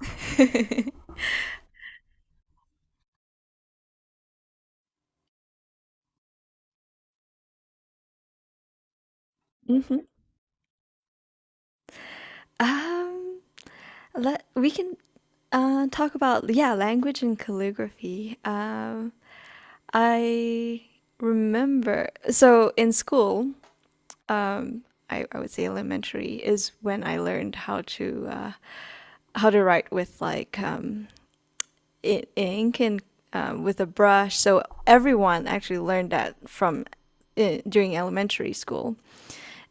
hmm Um, let we can talk about, yeah, language and calligraphy. I remember, so in school, I would say elementary is when I learned how to write with, like, ink and, with a brush. So everyone actually learned that from, during elementary school,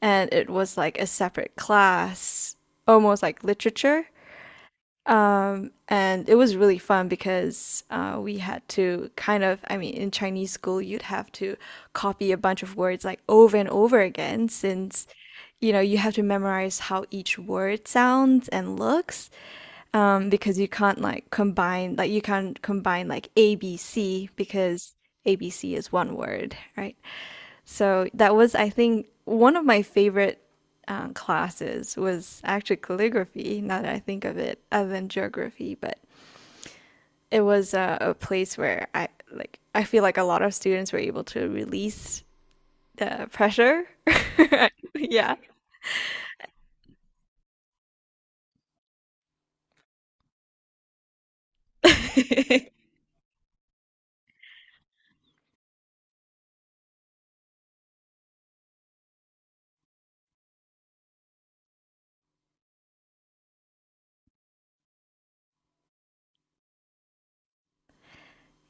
and it was like a separate class, almost like literature. And it was really fun because, we had to kind of, I mean, in Chinese school, you'd have to copy a bunch of words like over and over again since, you know, you have to memorize how each word sounds and looks, because you can't like combine, like you can't combine like A, B, C because A, B, C is one word, right? So that was, I think, one of my favorite classes was actually calligraphy. Now that I think of it, other than geography, but it was a place where I, like, I feel like a lot of students were able to release the pressure. yeah,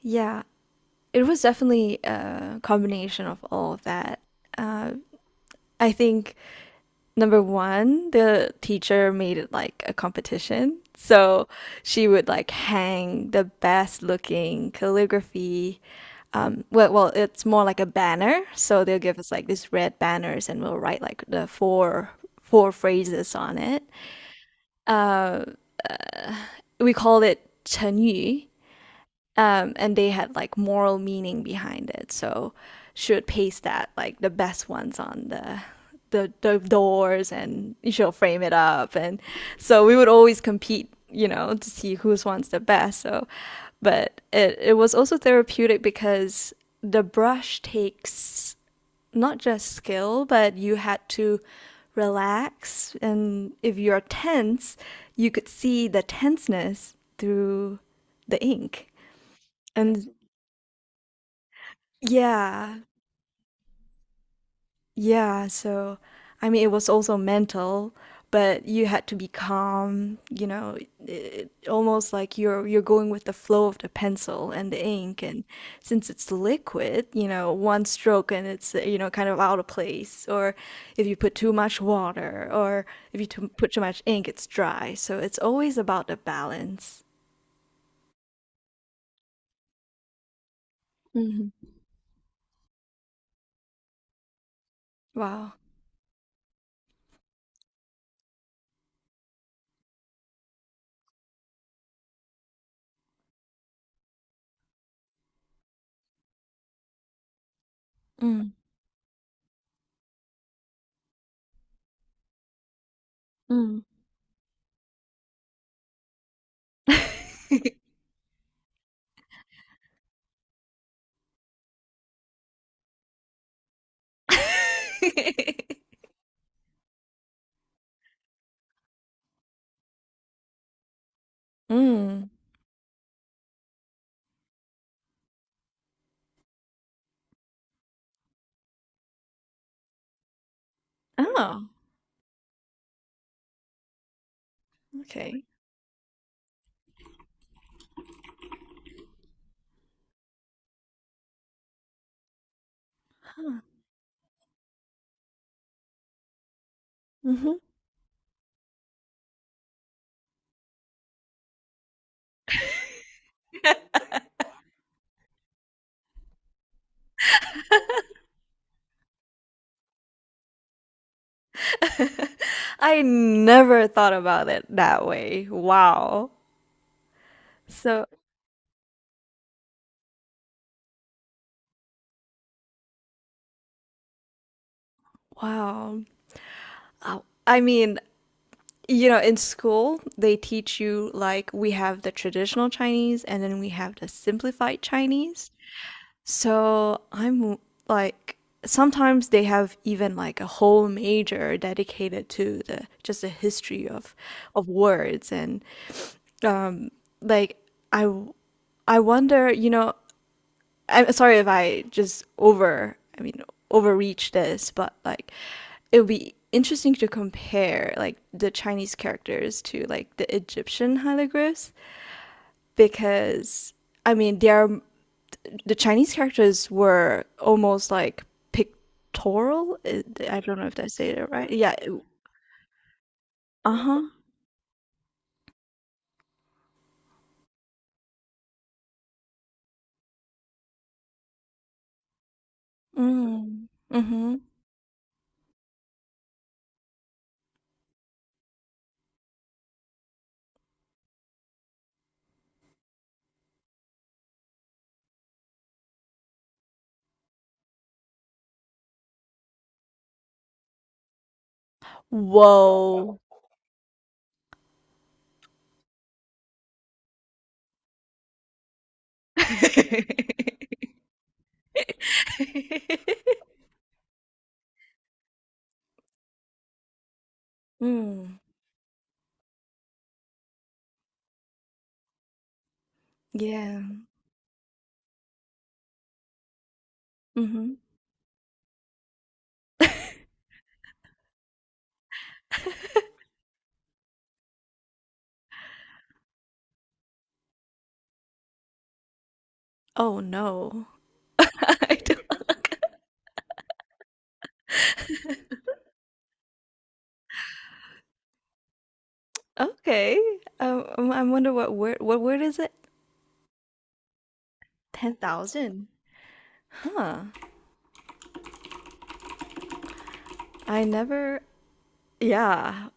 yeah. It was definitely a combination of all of that. Uh, I think number one, the teacher made it like a competition. So she would like hang the best looking calligraphy. Well, it's more like a banner. So they'll give us like these red banners and we'll write like the four phrases on it. We called it 成语, and they had like moral meaning behind it. So she would paste that, like the best ones, on the doors, and she'll frame it up, and so we would always compete, you know, to see whose one's the best. So, but it was also therapeutic because the brush takes not just skill, but you had to relax, and if you're tense, you could see the tenseness through the ink and yeah, yeah. So, I mean, it was also mental, but you had to be calm, you know, it, almost like you're going with the flow of the pencil and the ink, and since it's liquid, you know, one stroke and it's, you know, kind of out of place, or if you put too much water, or if you put too much ink, it's dry. So it's always about the balance. Hmm. Wow. Mm, mm. Mm. Oh, okay. Huh. Mhm. I never thought about it that way. Wow. So, wow. I mean, you know, in school, they teach you like we have the traditional Chinese and then we have the simplified Chinese. So, I'm like, sometimes they have even like a whole major dedicated to the just the history of words and um like I w- I wonder, you know, I'm sorry if I just I mean, overreach this, but like it would be interesting to compare like the Chinese characters to like the Egyptian hieroglyphs because, I mean, they are, the Chinese characters were almost like pictorial. I don't know if I say it right. Yeah. Uh-huh. Mm. Mm-hmm. Whoa. mm. Yeah. Mm-hmm. Oh no. I don't. Okay. I wonder what word is it? 10,000. Huh. I never. Yeah.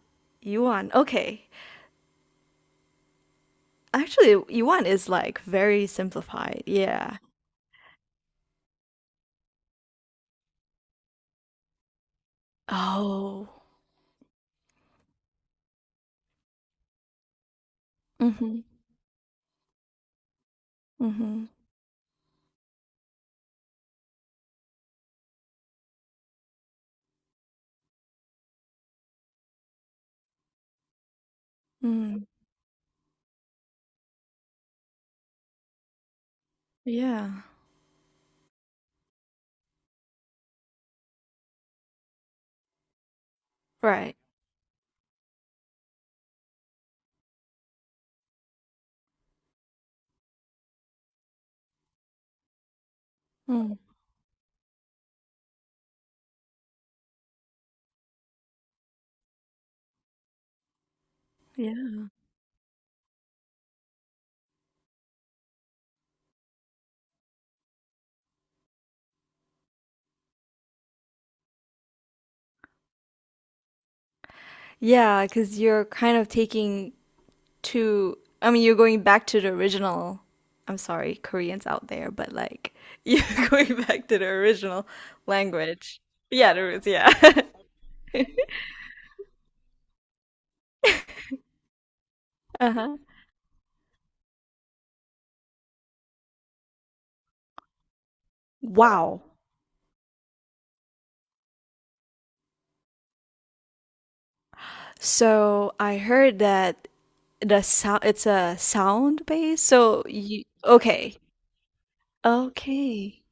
Yuan. Okay. Actually, yuan is like very simplified. Yeah. Oh. Mm-hmm. Mm-hmm. Mm. Yeah. Right. Mm. Yeah. Yeah, because you're kind of taking, to I mean you're going back to the original, I'm sorry, Koreans out there, but like, you're going back to the original language. Yeah, the roots, yeah. Uh-huh. Wow. So I heard that the sound, it's a sound base. So you, okay. Okay.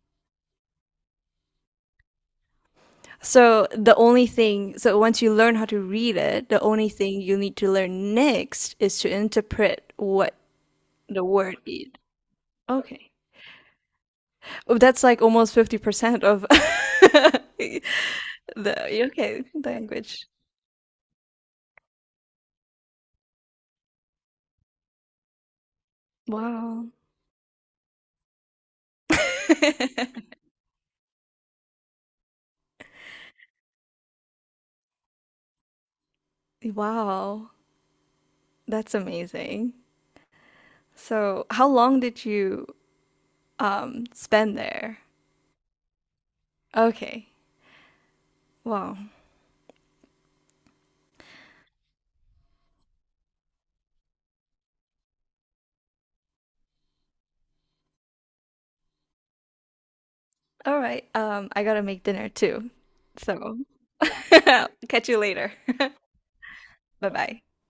So the only thing, so once you learn how to read it, the only thing you need to learn next is to interpret what the word is. Okay. Oh, that's like almost 50% of the UK language. Wow. wow. That's amazing. So, how long did you spend there? Okay. Wow. All right. Um, I got to make dinner too. So, catch you later. Bye-bye.